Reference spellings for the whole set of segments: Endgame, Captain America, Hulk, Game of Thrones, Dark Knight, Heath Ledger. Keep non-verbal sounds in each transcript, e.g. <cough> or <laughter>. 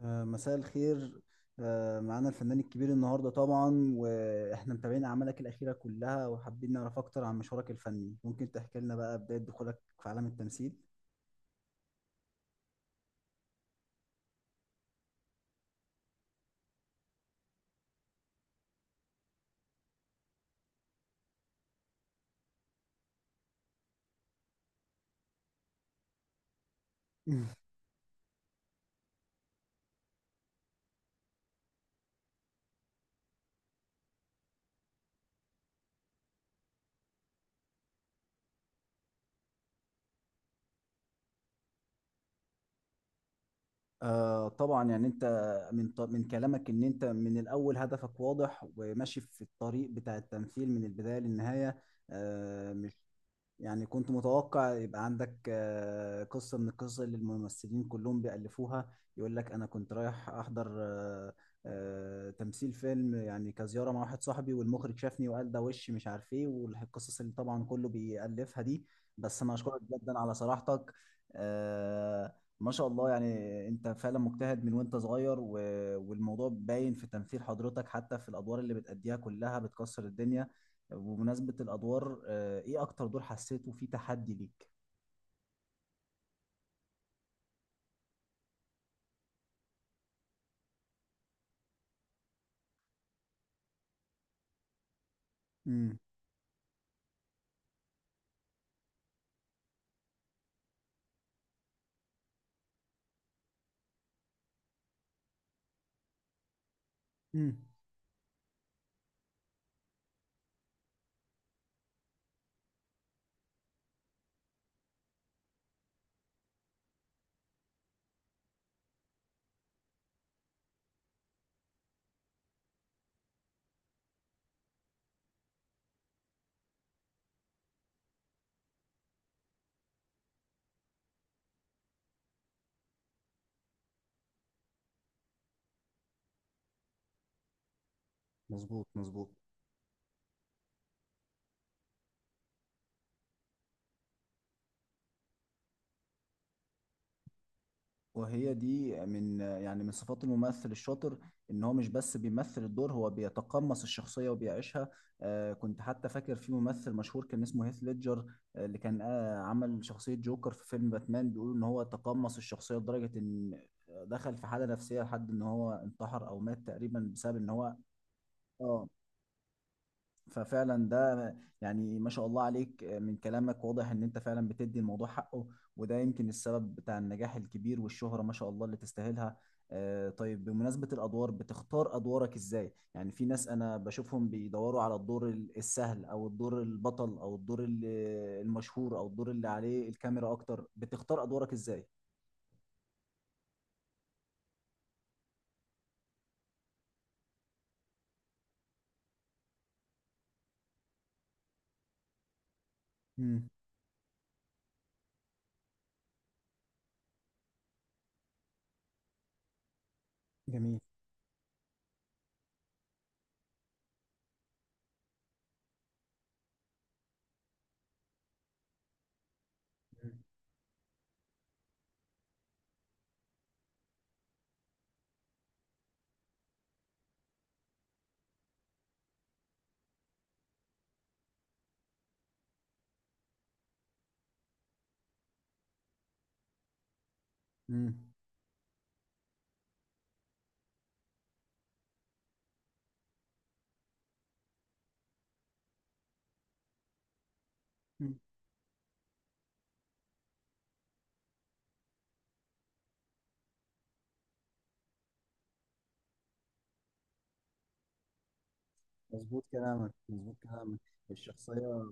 مساء الخير. معانا الفنان الكبير النهارده طبعا، واحنا متابعين اعمالك الاخيره كلها، وحابين نعرف اكتر عن مشوارك الفني. ممكن تحكي لنا بقى بدايه دخولك في عالم التمثيل؟ <laughs> طبعا، يعني انت من كلامك ان انت من الاول هدفك واضح وماشي في الطريق بتاع التمثيل من البدايه للنهايه. آه يعني كنت متوقع يبقى عندك قصة من القصص اللي الممثلين كلهم بيألفوها، يقول لك أنا كنت رايح أحضر تمثيل فيلم، يعني كزيارة مع واحد صاحبي، والمخرج شافني وقال ده وش مش عارف إيه، والقصص اللي طبعا كله بيألفها دي. بس أنا أشكرك جدا على صراحتك. آه، ما شاء الله، يعني أنت فعلا مجتهد من وأنت صغير، والموضوع باين في تمثيل حضرتك حتى في الأدوار اللي بتأديها كلها بتكسر الدنيا. بمناسبة الأدوار، إيه أكتر دور حسيته فيه تحدي ليك؟ امم. امم. مظبوط، مظبوط. وهي دي من، يعني من صفات الممثل الشاطر، ان هو مش بس بيمثل الدور، هو بيتقمص الشخصيه وبيعيشها. كنت حتى فاكر في ممثل مشهور كان اسمه هيث ليدجر، اللي كان عمل شخصيه جوكر في فيلم باتمان. بيقولوا ان هو تقمص الشخصيه لدرجه ان دخل في حاله نفسيه لحد ان هو انتحر او مات تقريبا بسبب ان هو... اه ففعلا ده يعني ما شاء الله عليك، من كلامك واضح ان انت فعلا بتدي الموضوع حقه، وده يمكن السبب بتاع النجاح الكبير والشهرة ما شاء الله اللي تستاهلها. طيب، بمناسبة الأدوار، بتختار أدوارك إزاي؟ يعني في ناس أنا بشوفهم بيدوروا على الدور السهل، أو الدور البطل، أو الدور المشهور، أو الدور اللي عليه الكاميرا أكتر. بتختار أدوارك إزاي؟ امم. جميل. مم. مم. مظبوط كلامك، مظبوط كلامك. الشخصية.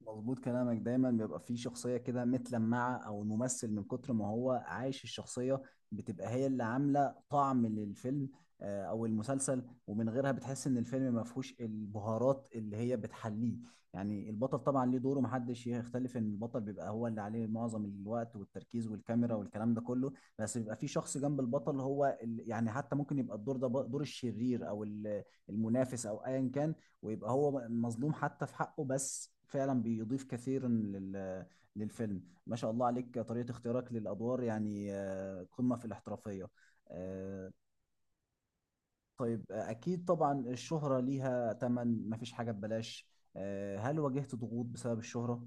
مظبوط كلامك، دايما بيبقى فيه شخصية كده متلمعة، أو الممثل من كتر ما هو عايش الشخصية بتبقى هي اللي عاملة طعم للفيلم أو المسلسل. ومن غيرها بتحس إن الفيلم ما فيهوش البهارات اللي هي بتحليه. يعني البطل طبعا ليه دوره، محدش يختلف إن البطل بيبقى هو اللي عليه معظم الوقت والتركيز والكاميرا والكلام ده كله. بس بيبقى فيه شخص جنب البطل هو يعني حتى ممكن يبقى الدور ده دور الشرير، أو المنافس، أو أيا كان. ويبقى هو مظلوم حتى في حقه، بس فعلا بيضيف كثيرا للفيلم. ما شاء الله عليك طريقة اختيارك للأدوار، يعني قمة في الاحترافية. آه، طيب، أكيد طبعا الشهرة ليها تمن، مفيش حاجة ببلاش. هل واجهت ضغوط بسبب الشهرة؟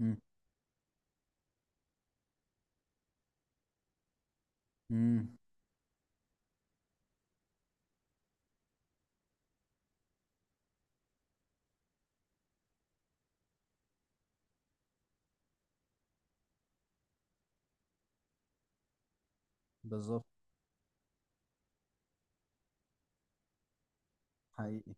مم. مم. بالظبط. حقيقي.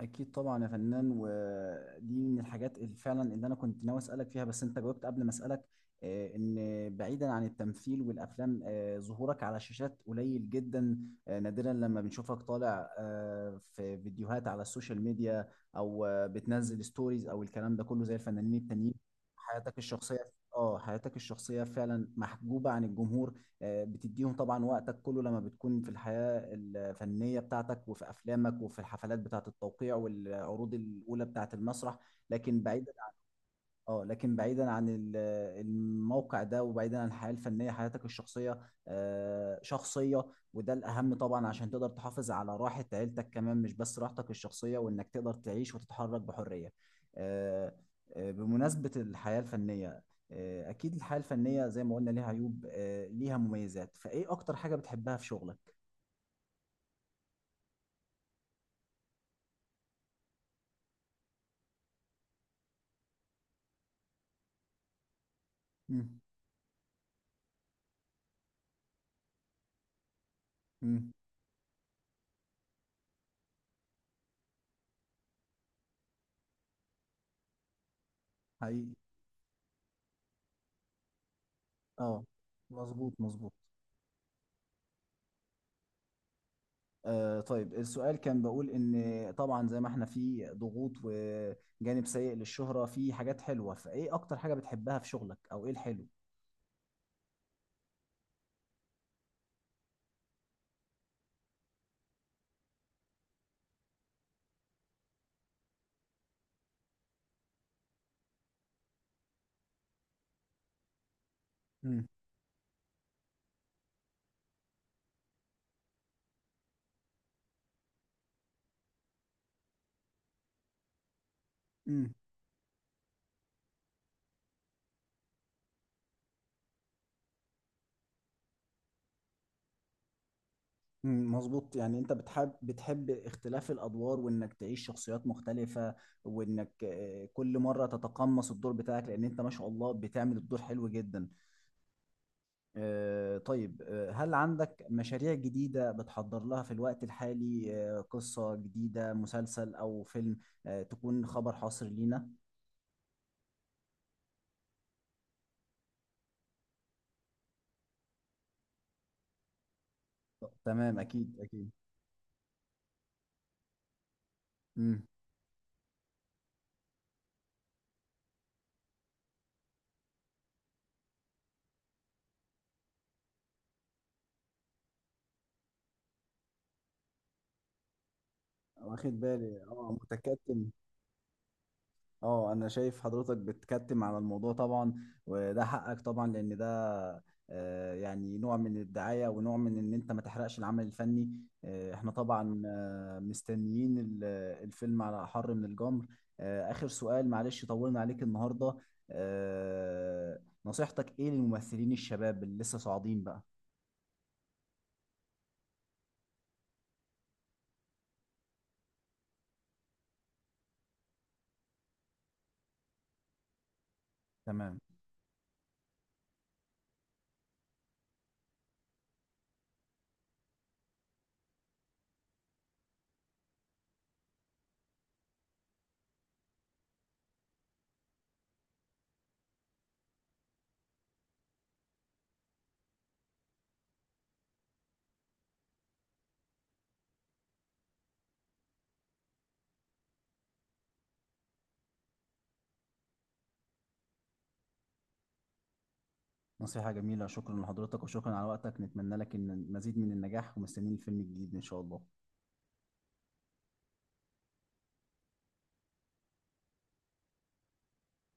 اكيد طبعا يا فنان، ودي من الحاجات اللي فعلا اللي انا كنت ناوي اسالك فيها، بس انت جاوبت قبل ما اسالك. ان بعيدا عن التمثيل والافلام، ظهورك على شاشات قليل جدا. نادرا لما بنشوفك طالع في فيديوهات على السوشيال ميديا، او بتنزل ستوريز او الكلام ده كله زي الفنانين التانيين. حياتك الشخصيه فعلا محجوبه عن الجمهور. بتديهم طبعا وقتك كله لما بتكون في الحياة الفنية بتاعتك، وفي أفلامك، وفي الحفلات بتاعة التوقيع والعروض الأولى بتاعة المسرح. لكن بعيدا، اه لكن بعيدا عن الموقع ده، وبعيدا عن الحياة الفنية حياتك الشخصية شخصية. وده الأهم طبعا عشان تقدر تحافظ على راحة عيلتك كمان، مش بس راحتك الشخصية، وإنك تقدر تعيش وتتحرك بحرية. آه، بمناسبة الحياة الفنية، أكيد الحياة الفنية زي ما قلنا ليها عيوب، ليها مميزات. فإيه أكتر حاجة بتحبها في شغلك؟ مم. مم. حقيقي. اه. مظبوط، مظبوط. طيب، السؤال كان بقول إن طبعا زي ما احنا في ضغوط وجانب سيء للشهرة، في حاجات حلوة، فإيه أكتر حاجة بتحبها في شغلك، أو إيه الحلو؟ مم. مم. مم، مظبوط، يعني انت بتحب، بتحب اختلاف الادوار وانك تعيش شخصيات مختلفه، وانك كل مره تتقمص الدور بتاعك، لان انت ما شاء الله بتعمل الدور حلو جدا. طيب، هل عندك مشاريع جديدة بتحضر لها في الوقت الحالي؟ قصة جديدة، مسلسل أو فيلم، تكون خبر حاصر لينا؟ تمام، أكيد، أكيد. مم. واخد بالي، متكتل. اه انا شايف حضرتك بتكتم على الموضوع طبعا، وده حقك طبعا، لان ده يعني نوع من الدعاية ونوع من ان انت ما تحرقش العمل الفني. احنا طبعا مستنيين الفيلم على احر من الجمر. اخر سؤال، معلش طولنا عليك النهاردة. نصيحتك ايه للممثلين الشباب اللي لسه صاعدين بقى؟ تمام. نصيحة جميلة، شكرا لحضرتك وشكرا على وقتك. نتمنى لك ان مزيد من النجاح، ومستنيين الفيلم الجديد ان شاء الله.